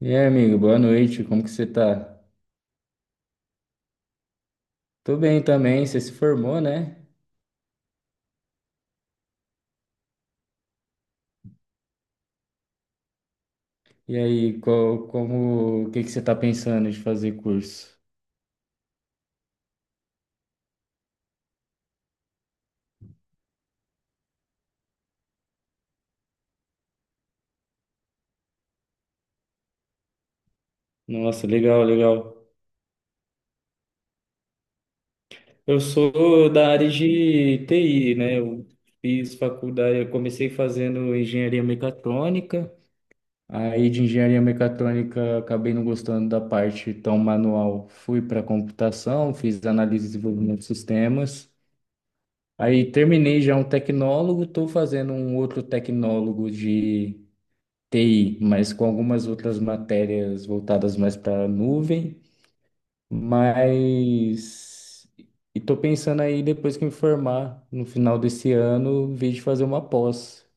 E aí, amigo, boa noite, como que você tá? Tô bem também, você se formou, né? E aí, qual, como, o que que você tá pensando de fazer curso? Nossa, legal, legal. Eu sou da área de TI, né? Eu fiz faculdade, eu comecei fazendo engenharia mecatrônica, aí de engenharia mecatrônica acabei não gostando da parte tão manual. Fui para computação, fiz análise e desenvolvimento de sistemas. Aí terminei já um tecnólogo, estou fazendo um outro tecnólogo de TI, mas com algumas outras matérias voltadas mais para a nuvem, mas e estou pensando aí depois que me formar no final desse ano, vir de fazer uma pós,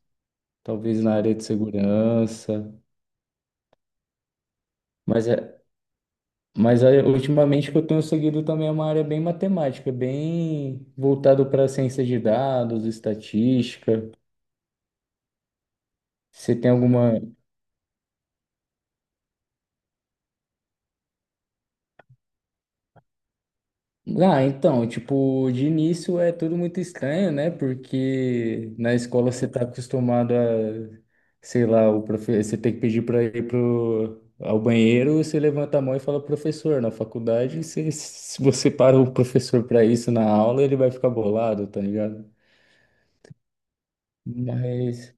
talvez na área de segurança, mas é. Mas é, ultimamente o que eu tenho seguido também é uma área bem matemática, bem voltado para ciência de dados, estatística. Você tem alguma. Ah, então, tipo, de início é tudo muito estranho, né? Porque na escola você tá acostumado a, sei lá, você tem que pedir para ir ao banheiro, você levanta a mão e fala professor. Na faculdade, você... se você para o professor para isso na aula, ele vai ficar bolado, tá ligado? Mas.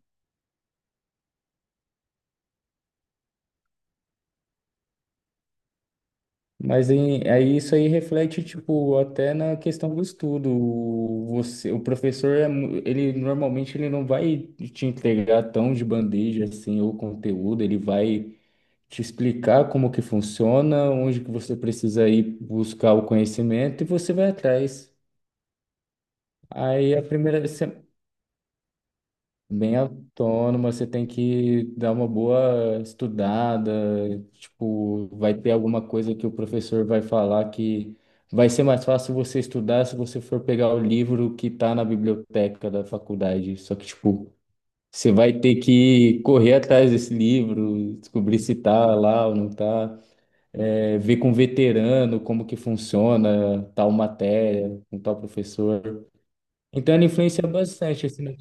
Mas aí, isso aí reflete, tipo, até na questão do estudo. Você, o professor, ele normalmente ele não vai te entregar tão de bandeja assim o conteúdo, ele vai te explicar como que funciona, onde que você precisa ir buscar o conhecimento e você vai atrás. Aí a primeira, bem autônoma, você tem que dar uma boa estudada, tipo, vai ter alguma coisa que o professor vai falar que vai ser mais fácil você estudar se você for pegar o livro que tá na biblioteca da faculdade. Só que, tipo, você vai ter que correr atrás desse livro, descobrir se tá lá ou não tá. É, ver com veterano como que funciona tal matéria, com tal professor. Então, ela influencia bastante, assim, né?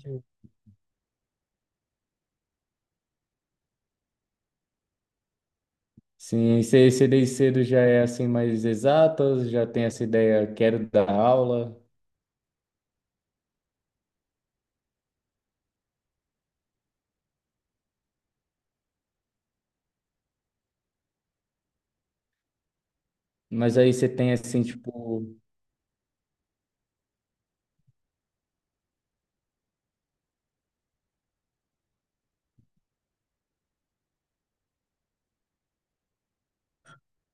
Sim, você desde cedo já é assim mais exata, já tem essa ideia, quero dar aula, mas aí você tem assim, tipo,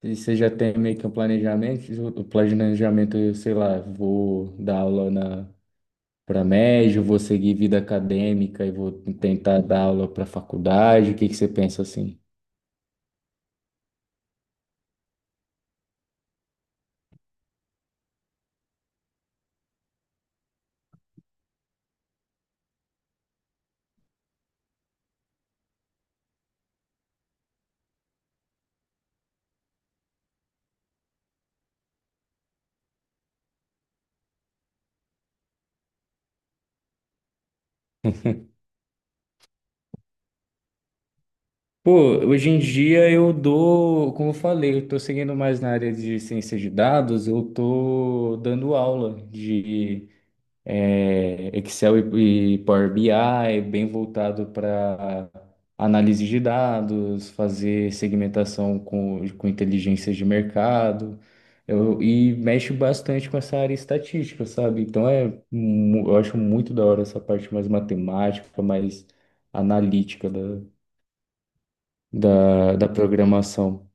e você já tem meio que um planejamento, o planejamento, eu sei lá, vou dar aula na para médio, vou seguir vida acadêmica e vou tentar dar aula para faculdade, o que que você pensa assim? Pô, hoje em dia eu dou, como eu falei, eu tô seguindo mais na área de ciência de dados, eu tô dando aula de Excel e Power BI, bem voltado para análise de dados, fazer segmentação com inteligências de mercado, eu, e mexe bastante com essa área estatística, sabe? Então é, eu acho muito da hora essa parte mais matemática, mais analítica da, da programação.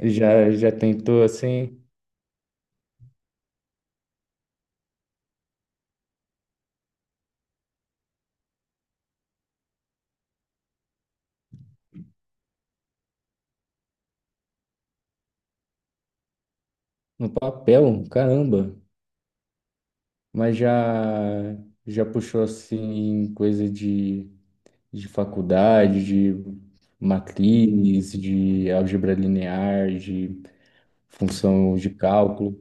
Já, já tentou assim no papel? Caramba! Mas já puxou assim coisa de faculdade, de matrizes de álgebra linear, de função de cálculo.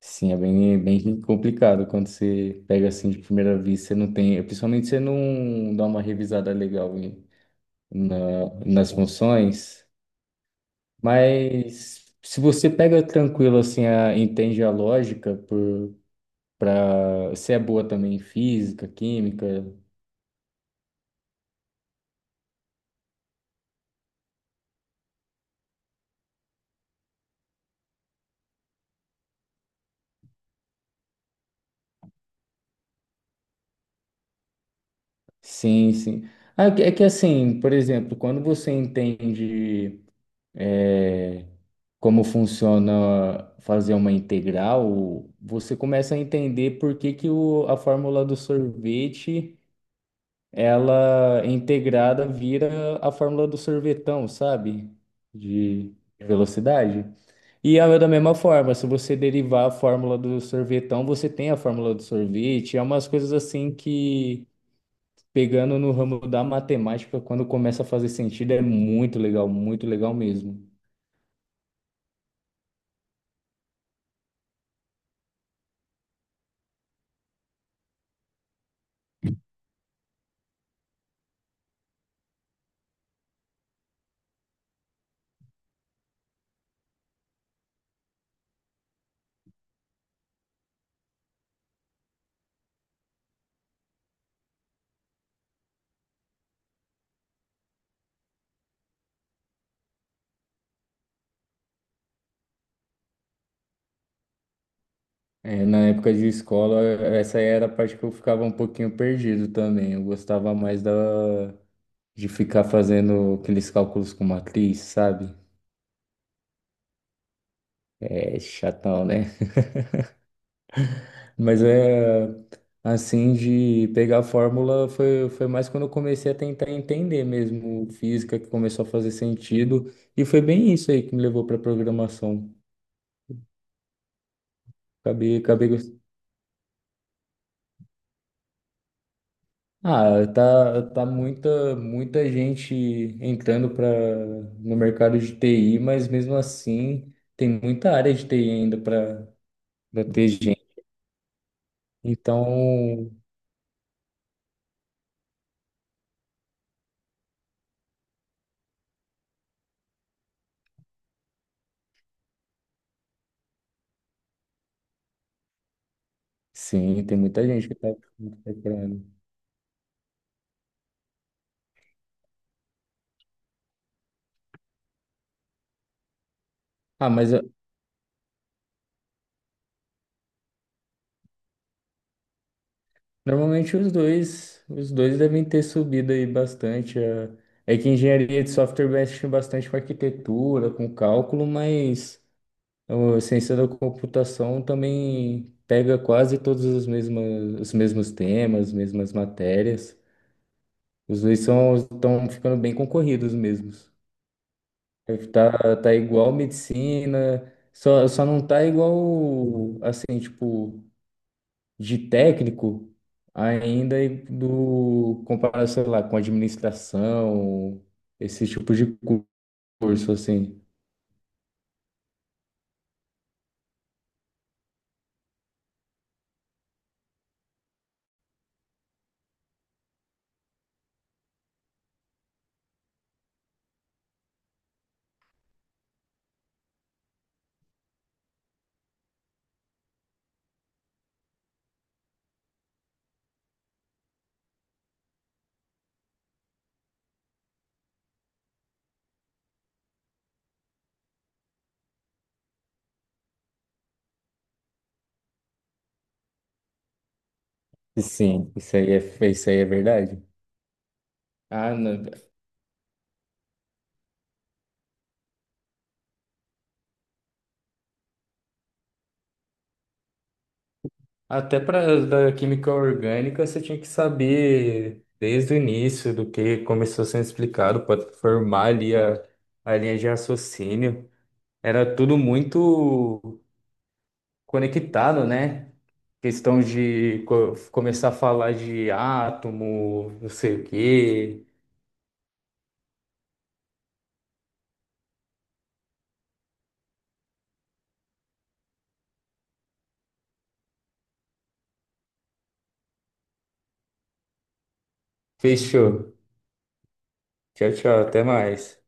Sim, é bem complicado quando você pega assim de primeira vista, você não tem, principalmente você não dá uma revisada legal na, nas funções, mas se você pega tranquilo assim, a, entende a lógica por para você é boa também em física, química. Sim, sim. Ah, é que é que, assim, por exemplo, quando você entende eh, como funciona fazer uma integral, você começa a entender por que que o, a fórmula do sorvete, ela é integrada vira a fórmula do sorvetão, sabe? De velocidade. E é da mesma forma, se você derivar a fórmula do sorvetão, você tem a fórmula do sorvete. É umas coisas assim que pegando no ramo da matemática, quando começa a fazer sentido, é muito legal mesmo. É, na época de escola, essa era a parte que eu ficava um pouquinho perdido também. Eu gostava mais da, de ficar fazendo aqueles cálculos com matriz, sabe? É chatão, né? Mas é assim, de pegar a fórmula foi mais quando eu comecei a tentar entender mesmo física, que começou a fazer sentido. E foi bem isso aí que me levou para programação. Acabei. Ah, tá, tá muita gente entrando para no mercado de TI, mas mesmo assim tem muita área de TI ainda para ter gente. Então, sim, tem muita gente que tá procurando. Ah, mas ah, normalmente os dois devem ter subido aí bastante. Ah. É que engenharia de software mexe bastante com arquitetura, com cálculo, mas então, a ciência da computação também pega quase todos os mesmos temas, as mesmas matérias. Os dois são, estão ficando bem concorridos mesmos. Tá, tá igual medicina, só não tá igual, assim, tipo, de técnico ainda e do comparação, sei lá, com administração, esse tipo de curso, assim. Sim, isso aí é verdade. Ah, não. Até para da química orgânica, você tinha que saber desde o início do que começou sendo explicado para formar ali a linha de raciocínio. Era tudo muito conectado, né? Questão de começar a falar de átomo, não sei o quê. Fechou. Tchau, tchau. Até mais.